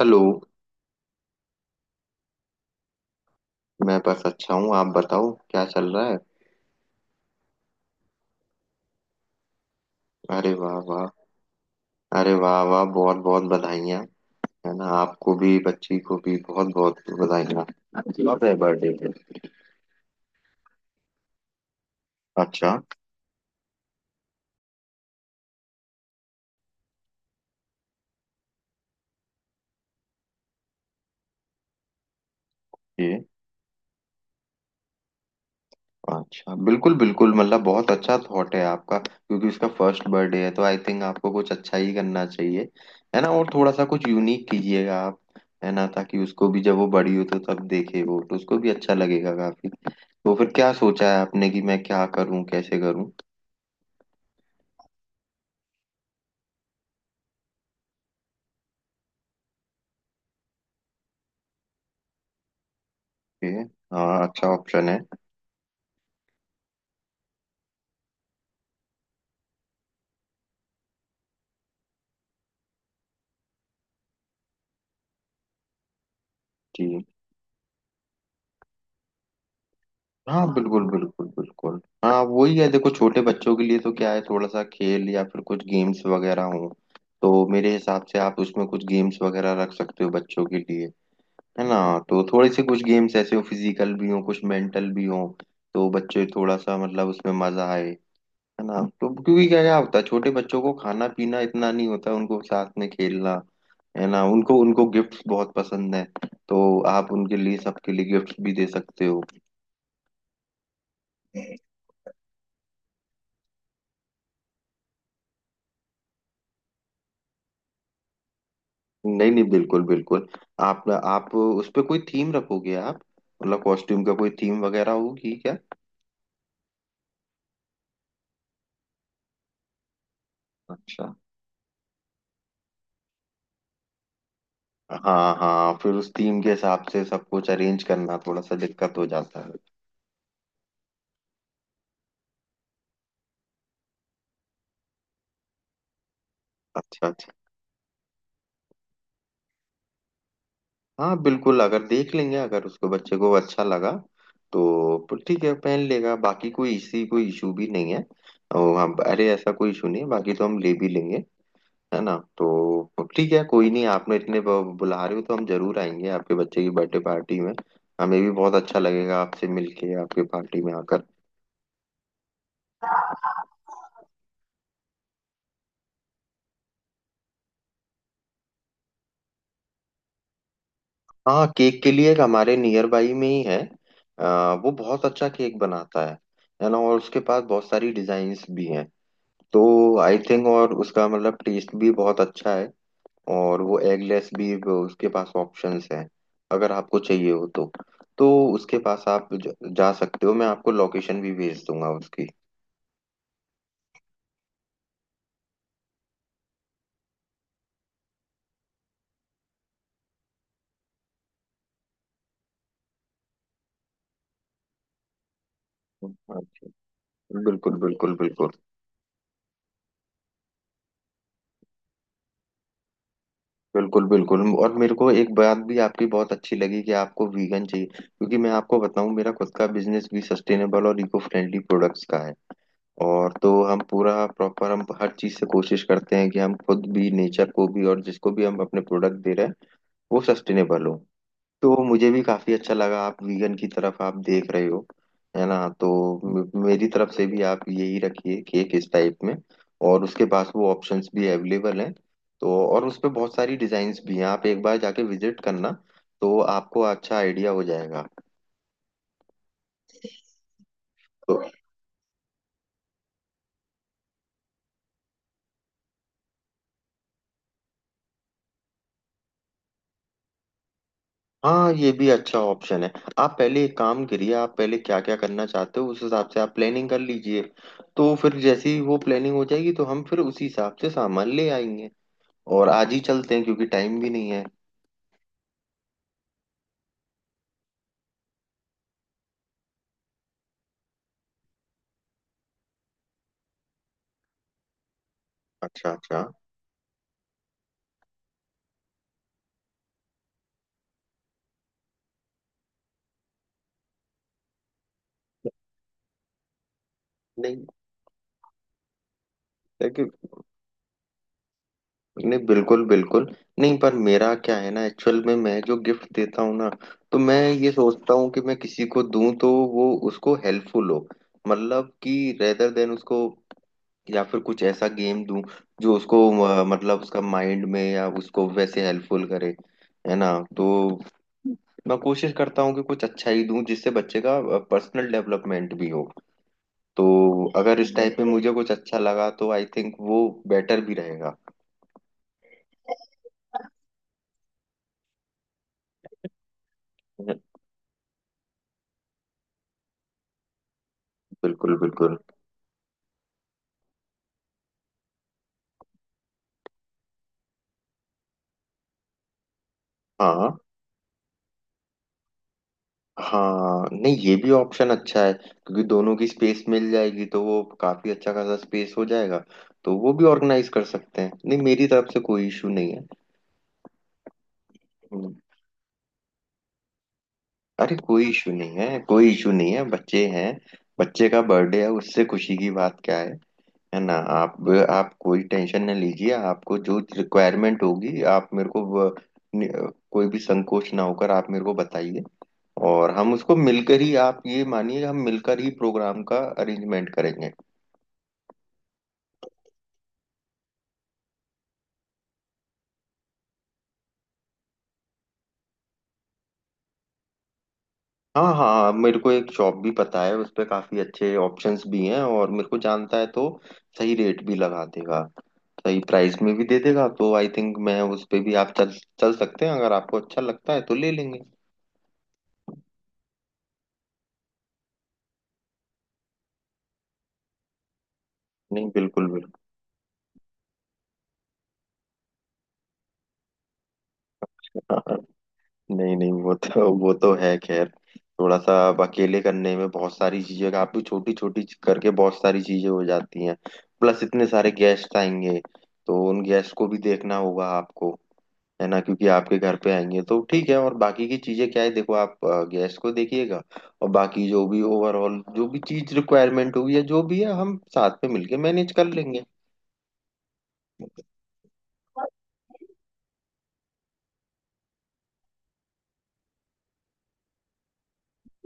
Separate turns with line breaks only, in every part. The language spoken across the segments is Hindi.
हेलो। मैं बस अच्छा हूँ। आप बताओ क्या चल रहा है। अरे वाह वाह। अरे वाह वाह, बहुत बहुत बधाइयाँ, है ना। आपको भी बच्ची को भी बहुत बहुत बधाइयाँ। कब है बर्थडे पे। अच्छा। ये। अच्छा, बिल्कुल बिल्कुल। मतलब बहुत अच्छा थॉट है आपका, क्योंकि उसका फर्स्ट बर्थडे है, तो आई थिंक आपको कुछ अच्छा ही करना चाहिए। है ना। और थोड़ा सा कुछ यूनिक कीजिएगा आप। है ना, ताकि उसको भी, जब वो बड़ी हो तो तब देखे वो, तो उसको भी अच्छा लगेगा काफी। तो फिर क्या सोचा है आपने कि मैं क्या करूँ कैसे करूँ। ओके। हाँ, अच्छा ऑप्शन है। जी। हाँ हाँ, बिल्कुल बिल्कुल बिल्कुल। हाँ, वही है। देखो, छोटे बच्चों के लिए तो क्या है, थोड़ा सा खेल या फिर कुछ गेम्स वगैरह हो। तो मेरे हिसाब से आप उसमें कुछ गेम्स वगैरह रख सकते हो बच्चों के लिए। है ना। तो थोड़े से कुछ गेम्स ऐसे हो, फिजिकल भी हो कुछ, मेंटल भी हो। तो बच्चे थोड़ा सा मतलब उसमें मजा आए। है ना, तो क्योंकि क्या क्या होता है, छोटे बच्चों को खाना पीना इतना नहीं होता, उनको साथ में खेलना। है ना, उनको उनको गिफ्ट्स बहुत पसंद है। तो आप उनके लिए, सबके लिए गिफ्ट्स भी दे सकते हो। नहीं नहीं, बिल्कुल बिल्कुल। आप उस पे कोई थीम रखोगे आप। मतलब कॉस्ट्यूम का कोई थीम वगैरह होगी क्या। अच्छा। हाँ हाँ, फिर उस थीम के हिसाब से सब कुछ अरेंज करना थोड़ा सा दिक्कत हो जाता है। अच्छा। हाँ बिल्कुल, अगर देख लेंगे, अगर उसको बच्चे को अच्छा लगा तो ठीक है, पहन लेगा, बाकी कोई इसी कोई इशू भी नहीं है। और हम, अरे ऐसा कोई इशू नहीं है, बाकी तो हम ले भी लेंगे। है ना। तो ठीक है, कोई नहीं, आपने इतने बुला रहे हो तो हम जरूर आएंगे आपके बच्चे की बर्थडे पार्टी में। हमें भी बहुत अच्छा लगेगा आपसे मिलके, आपके पार्टी में आकर। हाँ, केक के लिए एक हमारे नियर बाई में ही है। वो बहुत अच्छा केक बनाता है। है ना, और उसके पास बहुत सारी डिजाइन्स भी हैं। तो आई थिंक, और उसका मतलब टेस्ट भी बहुत अच्छा है। और वो एगलेस भी, वो उसके पास ऑप्शंस हैं अगर आपको चाहिए हो तो। तो उसके पास आप जा सकते हो, मैं आपको लोकेशन भी भेज दूंगा उसकी। अच्छा, बिल्कुल बिल्कुल बिल्कुल बिल्कुल बिल्कुल। और मेरे को एक बात भी आपकी बहुत अच्छी लगी कि आपको वीगन चाहिए, क्योंकि मैं आपको बताऊं, मेरा खुद का बिजनेस भी सस्टेनेबल और इको फ्रेंडली प्रोडक्ट्स का है। और तो हम पूरा प्रॉपर, हम हर चीज से कोशिश करते हैं कि हम खुद भी, नेचर को भी, और जिसको भी हम अपने प्रोडक्ट दे रहे हैं वो सस्टेनेबल हो। तो मुझे भी काफी अच्छा लगा, आप वीगन की तरफ आप देख रहे हो। है ना। तो मेरी तरफ से भी आप यही रखिए, केक इस टाइप में। और उसके पास वो ऑप्शंस भी अवेलेबल हैं। तो और उस पे बहुत सारी डिजाइन्स भी हैं, आप एक बार जाके विजिट करना। तो आपको अच्छा आइडिया हो जाएगा। तो हाँ, ये भी अच्छा ऑप्शन है। आप पहले एक काम करिए, आप पहले क्या क्या करना चाहते हो उस हिसाब से आप प्लानिंग कर लीजिए। तो फिर जैसी वो प्लानिंग हो जाएगी, तो हम फिर उसी हिसाब से सामान ले आएंगे। और आज ही चलते हैं क्योंकि टाइम भी नहीं है। अच्छा अच्छा। नहीं। लेकिन। नहीं, बिल्कुल बिल्कुल। नहीं, पर मेरा क्या है ना, एक्चुअल में मैं जो गिफ्ट देता हूँ ना, तो मैं ये सोचता हूँ कि मैं किसी को दूं तो वो उसको हेल्पफुल हो। मतलब कि रेदर देन उसको, या फिर कुछ ऐसा गेम दूं जो उसको मतलब उसका माइंड में, या उसको वैसे हेल्पफुल करे। है ना। तो मैं कोशिश करता हूँ कि कुछ अच्छा ही दूं, जिससे बच्चे का पर्सनल डेवलपमेंट भी हो। तो अगर इस टाइप में मुझे कुछ अच्छा लगा तो आई थिंक वो बेटर भी रहेगा। बिल्कुल बिल्कुल। हाँ हाँ, नहीं ये भी ऑप्शन अच्छा है, क्योंकि दोनों की स्पेस मिल जाएगी, तो वो काफी अच्छा खासा स्पेस हो जाएगा। तो वो भी ऑर्गेनाइज कर सकते हैं, नहीं मेरी तरफ से कोई इशू नहीं है। अरे कोई इशू नहीं है, कोई इशू नहीं है, बच्चे हैं। बच्चे का बर्थडे है, उससे खुशी की बात क्या है। है ना। आप कोई टेंशन ना लीजिए, आपको जो रिक्वायरमेंट होगी आप मेरे को नि- कोई भी संकोच ना होकर आप मेरे को बताइए। और हम उसको मिलकर ही, आप ये मानिए, हम मिलकर ही प्रोग्राम का अरेंजमेंट करेंगे। हाँ हाँ, मेरे को एक शॉप भी पता है उस पे, काफी अच्छे ऑप्शंस भी हैं और मेरे को जानता है। तो सही रेट भी लगा देगा, सही प्राइस में भी दे देगा, तो आई थिंक मैं उस पे भी, आप चल चल सकते हैं, अगर आपको अच्छा लगता है तो ले लेंगे। नहीं, बिल्कुल बिल्कुल। हाँ। नहीं नहीं, वो तो है खैर। थोड़ा सा अब अकेले करने में बहुत सारी चीजें, काफी छोटी छोटी करके बहुत सारी चीजें हो जाती हैं। प्लस इतने सारे गेस्ट आएंगे, तो उन गेस्ट को भी देखना होगा आपको। है ना, क्योंकि आपके घर पे आएंगे तो ठीक है, और बाकी की चीजें क्या है, देखो आप गेस्ट को देखिएगा, और बाकी जो भी ओवरऑल, जो भी चीज रिक्वायरमेंट होगी या जो भी है, हम साथ में मिलके मैनेज कर लेंगे।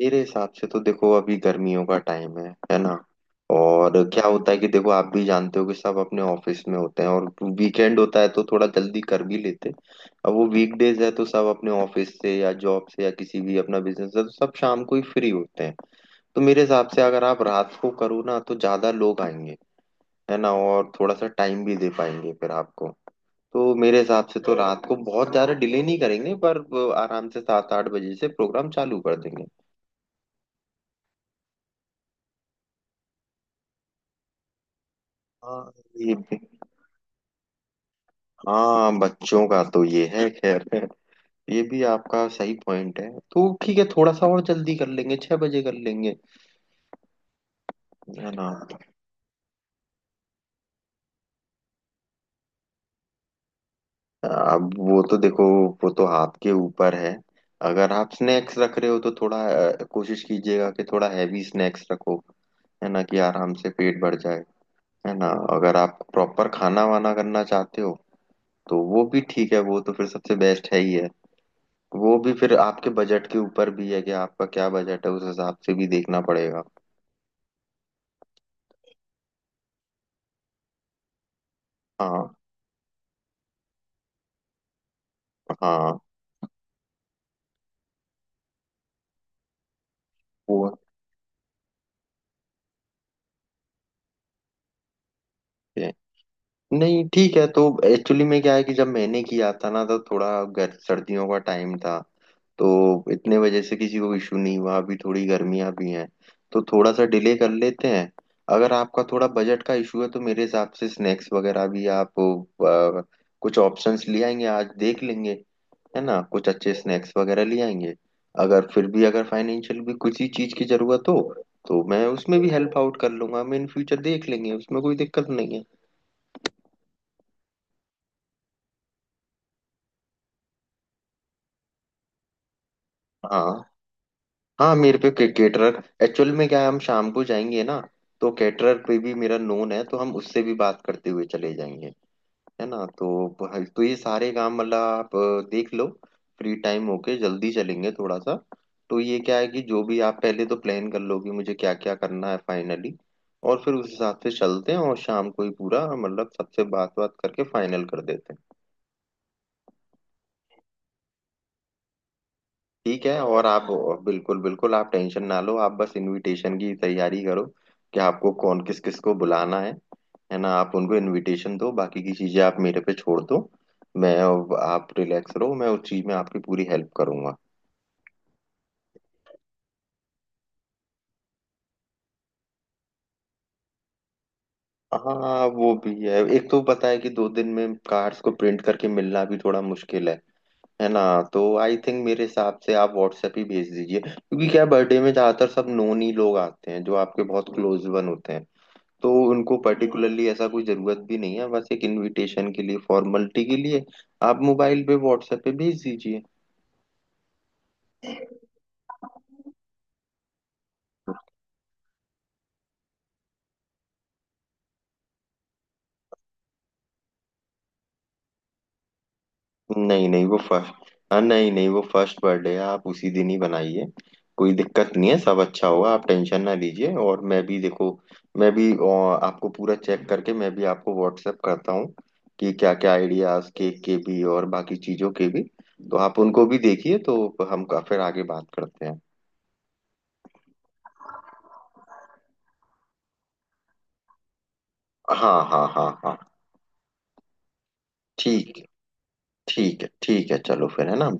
मेरे हिसाब से तो देखो, अभी गर्मियों का टाइम है ना। और क्या होता है कि देखो, आप भी जानते हो कि सब अपने ऑफिस में होते हैं, और वीकेंड होता है तो थोड़ा जल्दी कर भी लेते हैं। अब वो वीकडेज है, तो सब अपने ऑफिस से या जॉब से, या किसी भी अपना बिजनेस है, तो सब शाम को ही फ्री होते हैं। तो मेरे हिसाब से अगर आप रात को करो ना, तो ज्यादा लोग आएंगे। है ना, और थोड़ा सा टाइम भी दे पाएंगे फिर आपको। तो मेरे हिसाब से तो रात को बहुत ज्यादा डिले नहीं करेंगे, पर वो आराम से 7-8 बजे से प्रोग्राम चालू कर देंगे। हाँ, ये भी। हाँ, बच्चों का तो ये है खैर, ये भी आपका सही पॉइंट है, तो ठीक है, थोड़ा सा और जल्दी कर लेंगे, 6 बजे कर लेंगे। है ना। अब वो तो देखो, वो तो आपके ऊपर है। अगर आप स्नैक्स रख रहे हो, तो थोड़ा कोशिश कीजिएगा कि थोड़ा हैवी स्नैक्स रखो। है ना, कि आराम से पेट भर जाए। है ना। अगर आप प्रॉपर खाना वाना करना चाहते हो, तो वो भी ठीक है, वो तो फिर सबसे बेस्ट है ही है। वो भी फिर आपके बजट के ऊपर भी है, कि आपका क्या बजट है, उस हिसाब से भी देखना पड़ेगा। हाँ हाँ। वो नहीं, ठीक है, तो एक्चुअली में क्या है कि जब मैंने किया था ना, तो थोड़ा गर सर्दियों का टाइम था। तो इतने वजह से किसी को इशू नहीं हुआ, अभी थोड़ी गर्मियां भी हैं तो थोड़ा सा डिले कर लेते हैं। अगर आपका थोड़ा बजट का इशू है, तो मेरे हिसाब से स्नैक्स वगैरह भी आप कुछ ऑप्शंस ले आएंगे, आज देख लेंगे। है ना, कुछ अच्छे स्नैक्स वगैरह ले आएंगे। अगर फिर भी अगर फाइनेंशियल भी किसी चीज़ की ज़रूरत हो, तो मैं उसमें भी हेल्प आउट कर लूंगा, हम इन फ्यूचर देख लेंगे, उसमें कोई दिक्कत नहीं है। हाँ हाँ, मेरे पे कैटरर, एक्चुअल में क्या है, हम शाम को जाएंगे ना, तो कैटरर पे भी मेरा नोन है, तो हम उससे भी बात करते हुए चले जाएंगे। है ना। तो ये सारे काम मतलब आप देख लो। फ्री टाइम होके जल्दी चलेंगे थोड़ा सा। तो ये क्या है कि जो भी आप पहले तो प्लान कर लो कि मुझे क्या क्या करना है फाइनली, और फिर उस हिसाब से चलते हैं, और शाम को ही पूरा मतलब सबसे बात बात करके फाइनल कर देते हैं। ठीक है, और आप, बिल्कुल बिल्कुल, आप टेंशन ना लो, आप बस इनविटेशन की तैयारी करो कि आपको कौन, किस किस को बुलाना है। है ना, आप उनको इनविटेशन दो, बाकी की चीजें आप मेरे पे छोड़ दो। मैं, आप रिलैक्स रहो, मैं उस चीज में आपकी पूरी हेल्प करूंगा। हाँ वो भी है, एक तो पता है कि 2 दिन में कार्ड्स को प्रिंट करके मिलना भी थोड़ा मुश्किल है। है ना। तो आई थिंक, मेरे हिसाब से आप व्हाट्सएप ही भेज दीजिए, क्योंकि क्या, बर्थडे में ज्यादातर सब नोन ही लोग आते हैं जो आपके बहुत क्लोज वन होते हैं। तो उनको पर्टिकुलरली ऐसा कोई जरूरत भी नहीं है, बस एक इनविटेशन के लिए, फॉर्मेलिटी के लिए आप मोबाइल पे व्हाट्सएप पे भेज दीजिए। नहीं नहीं, वो फर्स्ट। हाँ नहीं नहीं, वो फर्स्ट बर्थडे है, आप उसी दिन ही बनाइए। कोई दिक्कत नहीं है, सब अच्छा होगा, आप टेंशन ना लीजिए। और मैं भी देखो, मैं भी आपको पूरा चेक करके, मैं भी आपको व्हाट्सएप करता हूँ कि क्या क्या आइडियाज केक के भी और बाकी चीजों के भी। तो आप उनको भी देखिए, तो हम फिर आगे बात करते हैं। हाँ हाँ हाँ हाँ। ठीक ठीक है, ठीक है, चलो फिर, है ना।